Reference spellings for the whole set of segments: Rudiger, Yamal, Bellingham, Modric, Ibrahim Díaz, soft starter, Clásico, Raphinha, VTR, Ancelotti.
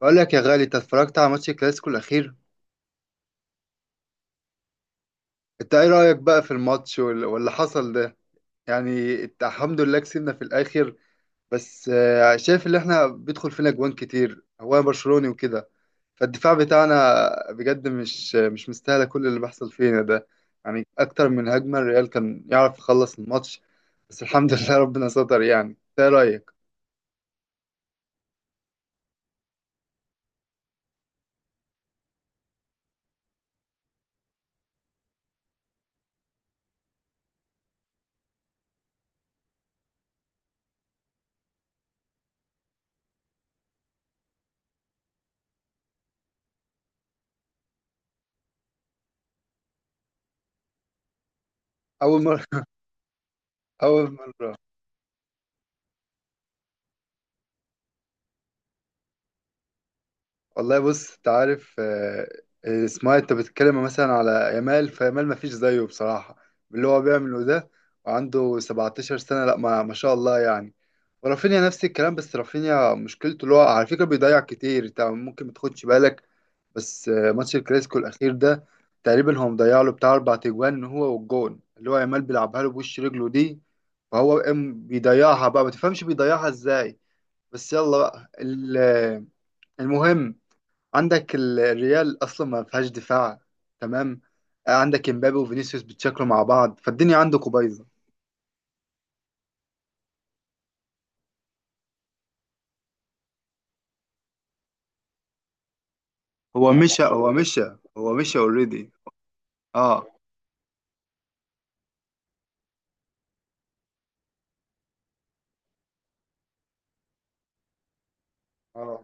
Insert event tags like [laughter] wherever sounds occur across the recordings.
بقول لك يا غالي، انت اتفرجت على ماتش الكلاسيكو الاخير؟ انت ايه رايك بقى في الماتش واللي حصل ده؟ يعني انت الحمد لله كسبنا في الاخر. بس شايف ان احنا بيدخل فينا جوان كتير، هو انا برشلوني وكده. فالدفاع بتاعنا بجد مش مستاهله كل اللي بيحصل فينا ده. يعني اكتر من هجمه الريال كان يعرف يخلص الماتش، بس الحمد [laughs] لله ربنا ستر. يعني انت ايه رايك؟ اول مره. [laughs] اول مره والله. بص، انت عارف اسمها، انت بتتكلم مثلا على يامال، فيامال ما فيش زيه بصراحة باللي هو بيعمله ده، وعنده 17 سنة، لا ما شاء الله يعني. ورافينيا نفس الكلام، بس رافينيا مشكلته اللي هو على فكرة بيضيع كتير، انت ممكن ما تاخدش بالك. بس ماتش الكلاسيكو الأخير ده تقريبا هو مضيع له بتاع أربع تجوان، هو والجون اللي هو يامال بيلعبها له بوش رجله دي، فهو قام بيضيعها بقى، ما تفهمش بيضيعها ازاي. بس يلا بقى المهم، عندك الريال اصلا ما فيهاش دفاع، تمام؟ عندك امبابي وفينيسيوس بيتشكلوا مع بعض، فالدنيا عندكم بايظه. هو مشى هو مشى هو مشى اوريدي. اه، اه.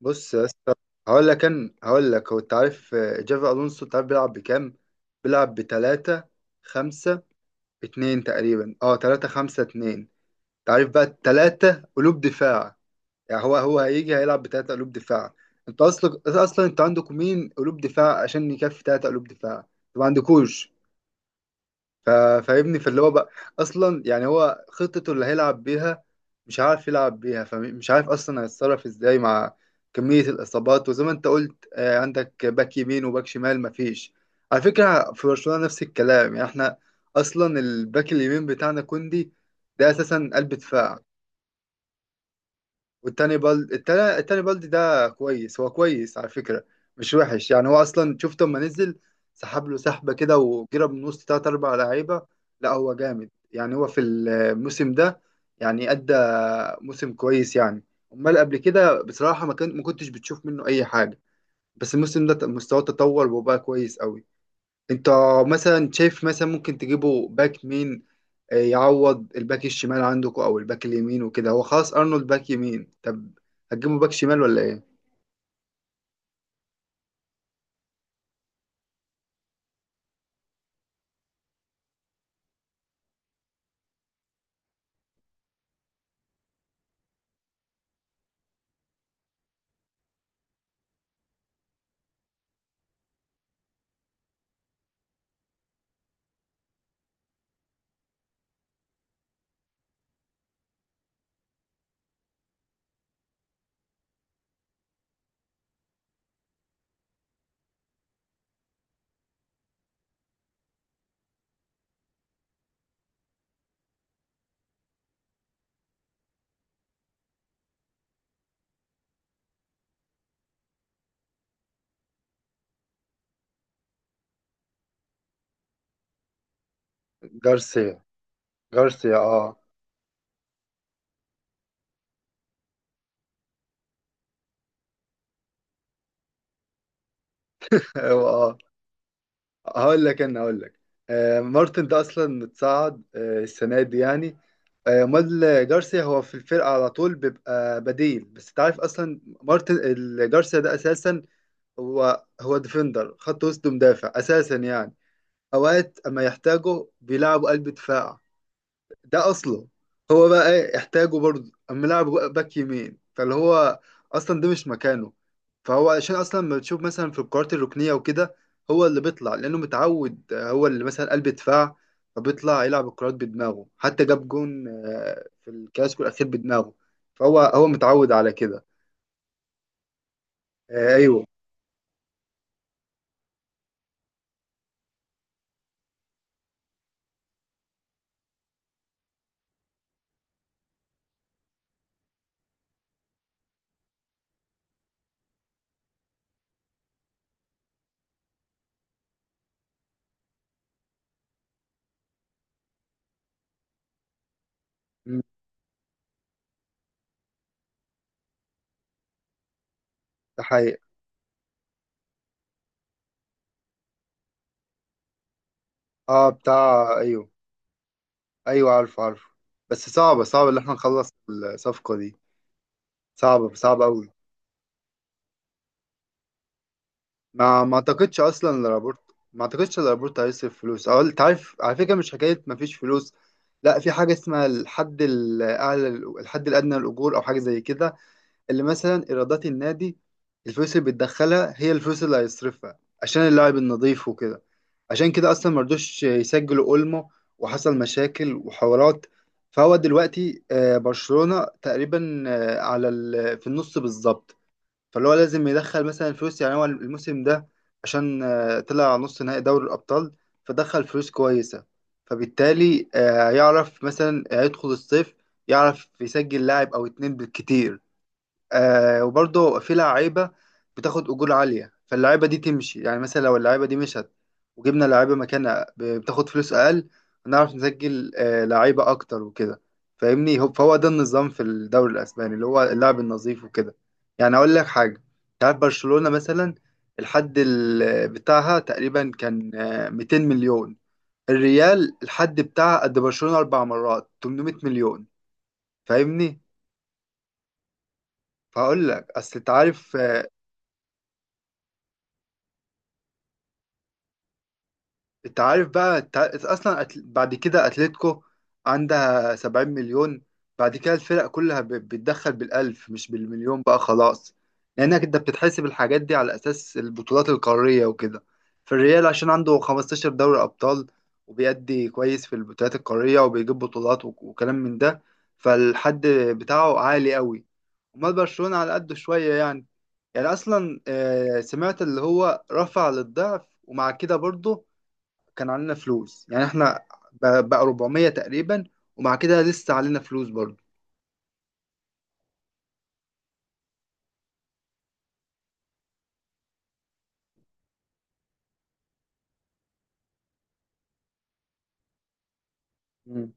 بص يا اسطى، هقول لك، هو انت عارف جافي الونسو، انت عارف بيلعب بكام؟ بيلعب ب 3 5 2 تقريبا، اه 3 5 2. انت عارف بقى الثلاثه قلوب دفاع، يعني هو هيجي هيلعب بثلاثة قلوب دفاع. انت اصلا انت عندك مين قلوب دفاع عشان يكفي ثلاثة قلوب دفاع؟ انت ما عندكوش. ف- فاهمني؟ فاللي هو بقى اصلا، يعني هو خطته اللي هيلعب بيها مش عارف يلعب بيها، فمش عارف اصلا هيتصرف ازاي مع كمية الاصابات. وزي ما انت قلت عندك باك يمين وباك شمال مفيش. على فكرة في برشلونة نفس الكلام، يعني احنا اصلا الباك اليمين بتاعنا كوندي، ده اساسا قلب دفاع. والتاني بلد، التاني بلد ده كويس، هو كويس على فكرة، مش وحش. يعني هو أصلا شفت لما نزل سحب له سحبة كده وجرب من وسط تلات أربع لعيبة، لا هو جامد. يعني هو في الموسم ده يعني أدى موسم كويس يعني. أمال قبل كده بصراحة ما كنتش بتشوف منه أي حاجة، بس الموسم ده مستواه تطور وبقى كويس قوي. أنت مثلا شايف مثلا ممكن تجيبه باك مين يعوض الباك الشمال عندكم او الباك اليمين وكده؟ هو خلاص ارنولد باك يمين، طب هتجيبوا باك شمال ولا ايه؟ جارسيا، جارسيا، اه. [laughs] هو اه. هقول لك، آه، مارتن ده اصلا متصعد آه السنه دي يعني. آه، امال جارسيا هو في الفرقه على طول بيبقى بديل، بس انت عارف اصلا جارسيا ده اساسا هو ديفندر خط وسط، مدافع اساسا يعني. اوقات اما يحتاجه بيلعبوا قلب دفاع، ده اصله. هو بقى ايه احتاجه برضه اما لاعب باك يمين، فاللي هو اصلا ده مش مكانه. فهو عشان اصلا ما بتشوف مثلا في الكرات الركنيه وكده هو اللي بيطلع، لانه متعود هو اللي مثلا قلب دفاع، فبيطلع يلعب الكرات بدماغه. حتى جاب جون في الكلاسيكو الاخير بدماغه، فهو هو متعود على كده. ايوه. مم، ده حقيقي. اه بتاع، ايوه، ايوه عارفه عارفه، بس صعبه صعبه اللي احنا نخلص الصفقه دي، صعبه صعبه قوي. ما اعتقدش اصلا الرابورت، ما اعتقدش الرابورت هيصرف فلوس. او انت عارف على فكره، مش حكايه ما فيش فلوس، لا في حاجه اسمها الحد الاعلى، الحد الادنى للاجور او حاجه زي كده، اللي مثلا ايرادات النادي الفلوس اللي بتدخلها هي الفلوس اللي هيصرفها عشان اللاعب النظيف وكده. عشان كده اصلا مرضوش يسجلوا اولمو وحصل مشاكل وحوارات. فهو دلوقتي برشلونه تقريبا في النص بالظبط، فاللي هو لازم يدخل مثلا فلوس يعني. هو الموسم ده عشان طلع نص نهائي دوري الأبطال فدخل فلوس كويسة، فبالتالي يعرف مثلا يدخل الصيف يعرف يسجل لاعب أو اتنين بالكتير. آه، وبرضه في لعيبة بتاخد أجور عالية، فاللعيبة دي تمشي. يعني مثلا لو اللعيبة دي مشت وجبنا لعيبة مكانها بتاخد فلوس أقل، هنعرف نسجل آه لعيبة أكتر وكده. فاهمني؟ فهو ده النظام في الدوري الأسباني، اللي هو اللعب النظيف وكده. يعني أقول لك حاجة، تعرف برشلونة مثلا الحد بتاعها تقريبا كان 200 مليون، الريال الحد بتاعها قد برشلونة أربع مرات، 800 مليون، فاهمني؟ فهقول لك اصل انت عارف، انت عارف بقى، انت عارف اصلا بعد كده اتلتيكو عندها 70 مليون، بعد كده الفرق كلها بتدخل بالالف مش بالمليون بقى خلاص، لانك انت بتتحسب الحاجات دي على اساس البطولات القارية وكده. فالريال عشان عنده 15 دوري ابطال وبيأدي كويس في البطولات القارية وبيجيب بطولات وكلام من ده، فالحد بتاعه عالي قوي. امال برشلونة على قده شوية يعني. يعني اصلا سمعت اللي هو رفع للضعف، ومع كده برضه كان علينا فلوس، يعني احنا بقى 400 تقريبا، ومع كده لسه علينا فلوس برضه. مم.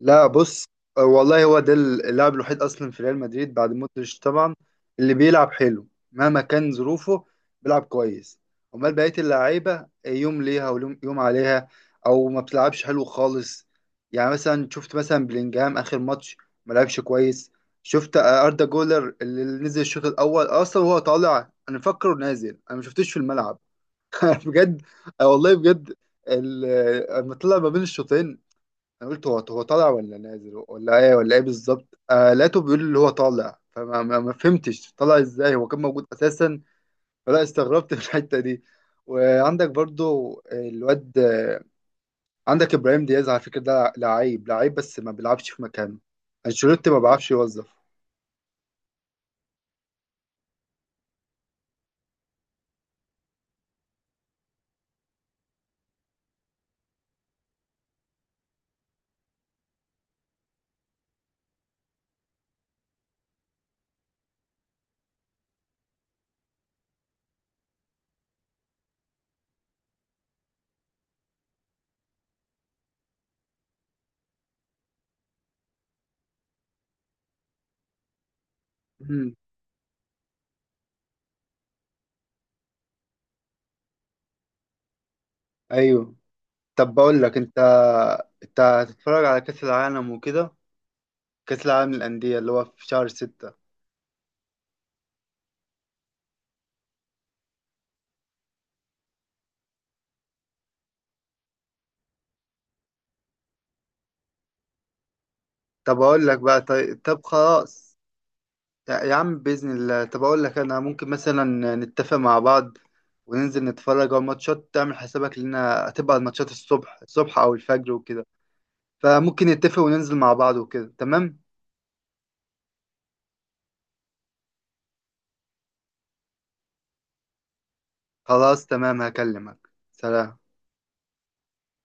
لا بص، والله هو ده اللاعب الوحيد اصلا في ريال مدريد بعد مودريتش طبعا اللي بيلعب حلو مهما كان ظروفه، بيلعب كويس. امال بقيه اللعيبه يوم ليها ويوم عليها، او ما بتلعبش حلو خالص. يعني مثلا شفت مثلا بلينجهام اخر ماتش ما لعبش كويس. شفت اردا جولر اللي نزل الشوط الاول؟ اصلا وهو طالع انا مفكره نازل، انا ما شفتوش في الملعب [laughs] بجد. آه والله بجد. ال- لما طلع ما بين الشوطين انا قلت هو هو طالع ولا نازل ولا ايه ولا ايه بالظبط، آه لقيته بيقول اللي هو طالع، فما ما ما فهمتش طالع ازاي، هو كان موجود اساسا، فلا استغربت [laughs] في الحته دي. وعندك برضو الواد آه، عندك ابراهيم دياز، على فكره ده لعيب لعيب، بس ما بيلعبش في مكانه، انشيلوتي ما بيعرفش يوظف. مم. ايوه. طب بقول لك انت، انت هتتفرج على كاس العالم وكده، كاس العالم للانديه اللي هو في شهر ستة؟ طب اقول لك بقى، طيب، طب خلاص، يا يا عم باذن الله. طب اقول لك انا، ممكن مثلا نتفق مع بعض وننزل نتفرج على الماتشات. تعمل حسابك، لنا هتبقى الماتشات الصبح الصبح او الفجر وكده، فممكن نتفق وننزل مع بعض وكده، تمام؟ خلاص تمام، هكلمك، سلام.